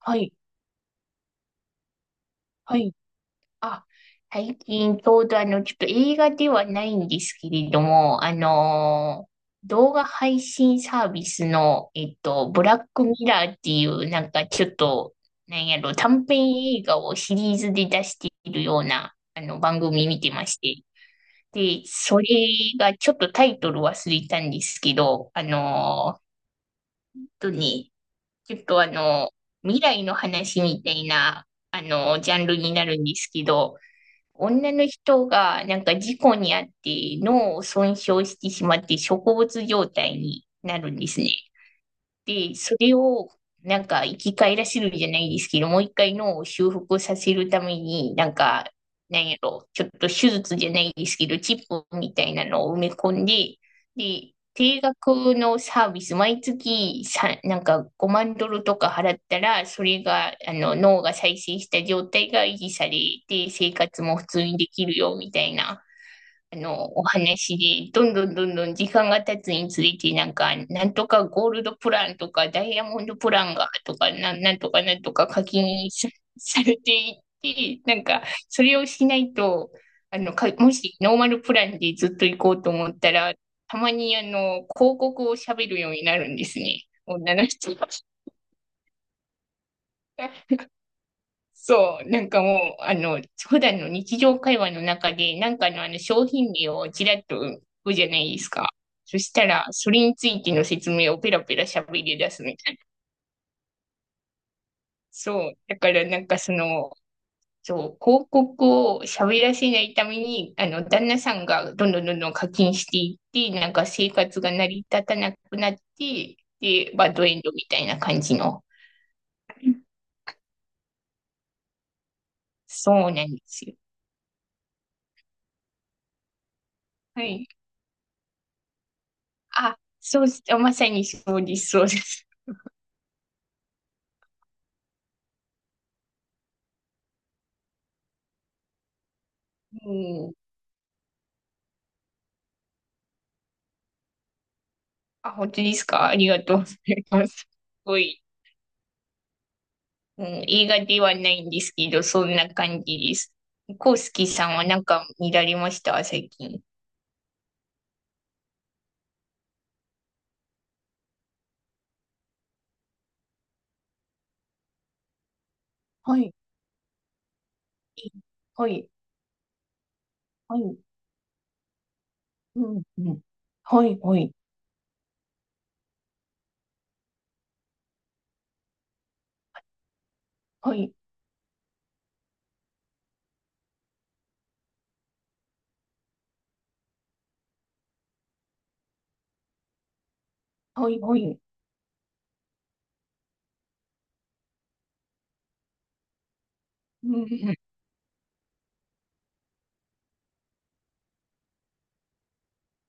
はい、はい。あ、最近ちょうどちょっと映画ではないんですけれども、動画配信サービスの、ブラックミラーっていう、なんかちょっと、なんやろ、短編映画をシリーズで出しているような、番組見てまして。で、それがちょっとタイトル忘れたんですけど、本当に、ちょっとあの、未来の話みたいな、ジャンルになるんですけど、女の人がなんか事故にあって脳を損傷してしまって植物状態になるんですね。で、それを、なんか、生き返らせるじゃないですけど、もう一回脳を修復させるために、なんか、なんやろ、ちょっと手術じゃないですけど、チップみたいなのを埋め込んで、で、定額のサービス、毎月さ、なんか5万ドルとか払ったら、それが、脳が再生した状態が維持されて、生活も普通にできるよ、みたいな。お話で、どんどんどんどん時間が経つにつれて、なんか、なんとかゴールドプランとか、ダイヤモンドプランが、とか、なんとかなんとか課金さ、されていって、なんか、それをしないと、もしノーマルプランでずっと行こうと思ったら、たまに広告を喋るようになるんですね。女の人が。そう、なんかもう、普段の日常会話の中で、なんかのあの商品名をちらっと言うじゃないですか。そしたら、それについての説明をペラペラ喋り出すみたいな。そう、だからなんかそう、広告を喋らせないために、旦那さんがどんどんどんどん課金していって、なんか生活が成り立たなくなって、で、バッドエンドみたいな感じの。そうなんですよ。はい。あ、そう、まさにそうです、そうです。うん。あ、本当ですか？ありがとうございます。すごい、うん、映画ではないんですけど、そんな感じです。コウスケさんはなんか見られました最近？はい、はい、はい、うん、うん。はい、はい、はい、はい、はい、うん。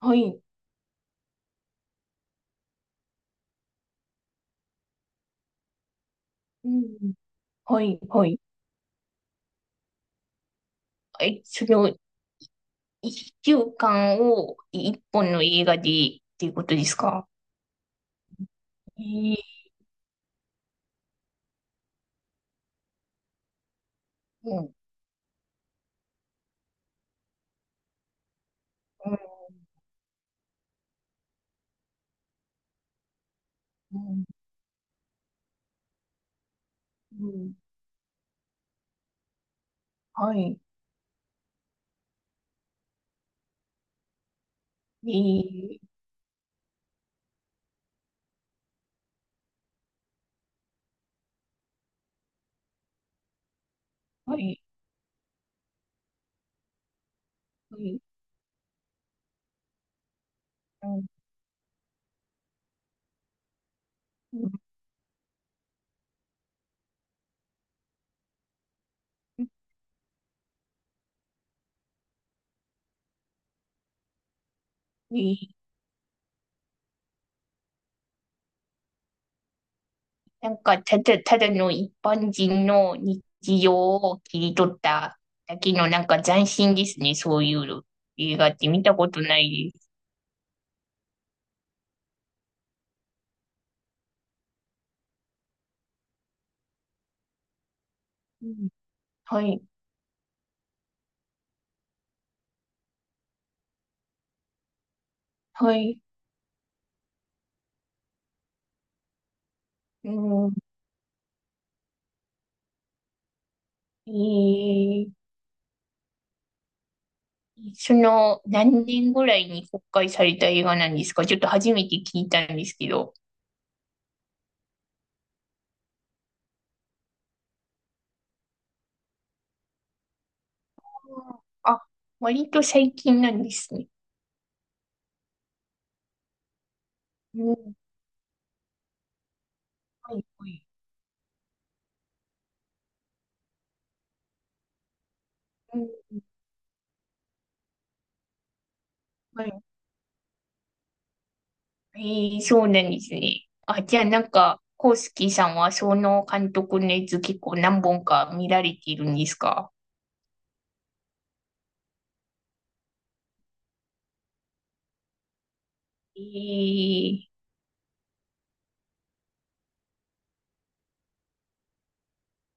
はい、うん。はい、はい。え、それを一週間を一本の映画でっていうことですか？えー、うん、うん、うん、うん、はい、えー、はい。はい。うん。いなんか、ただの一般人の日常を切り取っただけの、なんか斬新ですね。そういうの映画って見たことないです。うん。はい。はい。うん。えー何年ぐらいに公開された映画なんですか？ちょっと初めて聞いたんですけど。あ、割と最近なんですね。うん。はい。はい。うん。はい、ええ、そうなんですね。あ、じゃあなんか、コウスキさんはその監督のやつ結構何本か見られているんですか？ええ、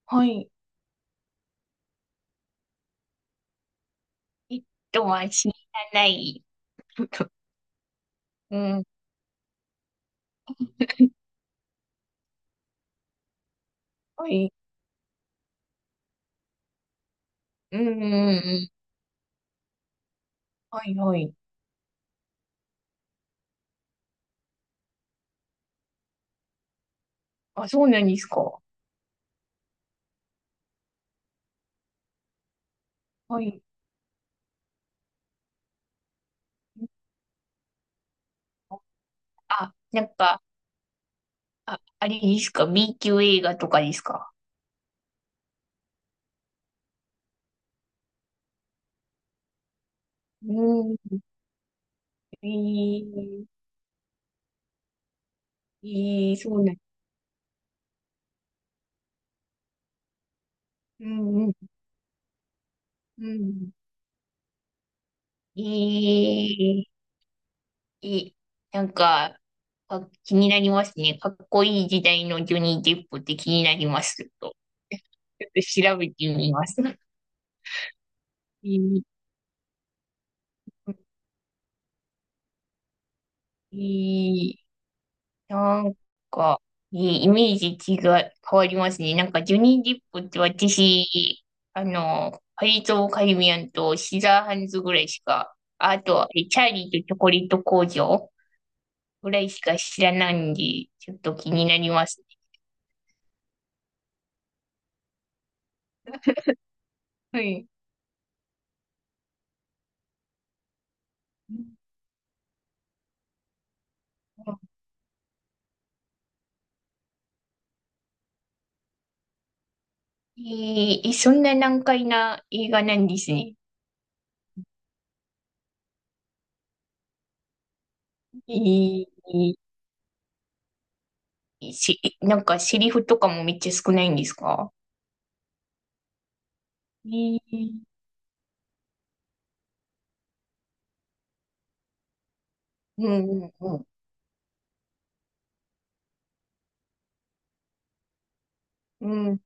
はい。えっとは知らない。うん、はい。うん、うん、うん、はい、はい。あ、そうなんですか。はい。あ、なんか、あ、あれですか？ B 級映画とかですか？うん、えーええ、そうなん、うん、うん、うん。ええ、いい。なんか、あ、気になりますね。かっこいい時代のジョニー・デップって気になります。ちょっとちょっと調べてみます。いい、いい、なんか、いいイメージ違い、変わりますね。なんか、ジョニー・デップって私、パリとカリビアンとシザーハンズぐらいしか、あと、チャーリーとチョコレート工場ぐらいしか知らないんで、ちょっと気になりますね。はい。ええ、そんな難解な映画なんですね。えー、えし、なんかセリフとかもめっちゃ少ないんですか？えー、うん、うん、うん。うん、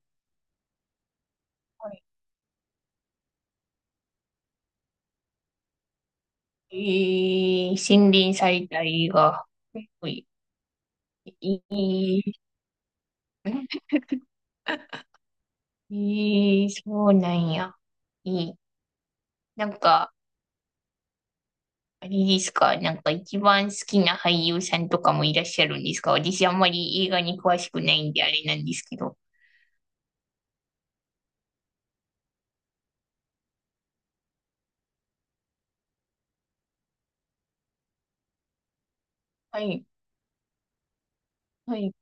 はい。洗練された映画。はい。えー、えそうなんや。えー、なんか、あれですか、なんか一番好きな俳優さんとかもいらっしゃるんですか？私あんまり映画に詳しくないんであれなんですけど。はい。はい。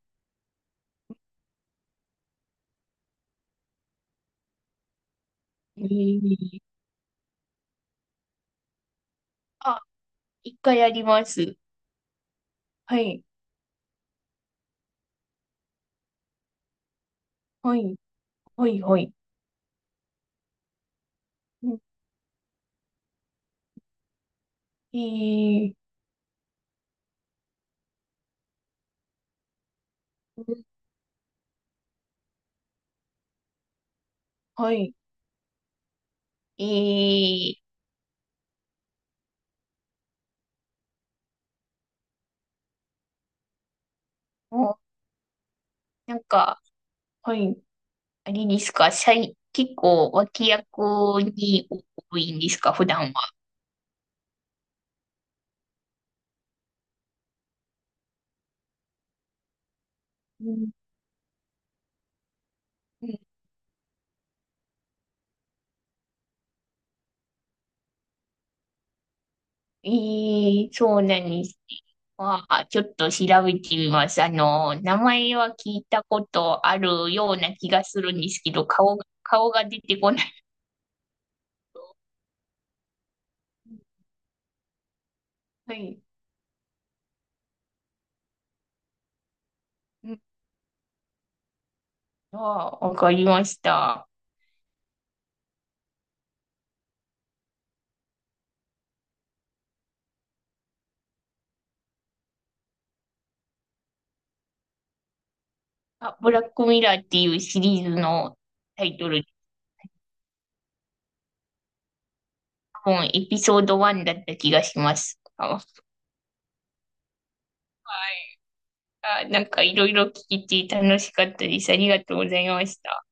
えー、あ、一回やります。はい、はい、はい、はい。うん、えー、うん、はい。えー、もう、なんか、はい、あれですか、結構脇役に多いんですか、普段は？うん、うん、えそうなんですね。まあ、ちょっと調べてみます。名前は聞いたことあるような気がするんですけど、顔が出てこない。はい。うん、ああ、わかりました。あ、ブラックミラーっていうシリーズのタイトル、多分エピソード1だった気がします。あ、はい。あ、なんかいろいろ聞いて楽しかったです。ありがとうございました。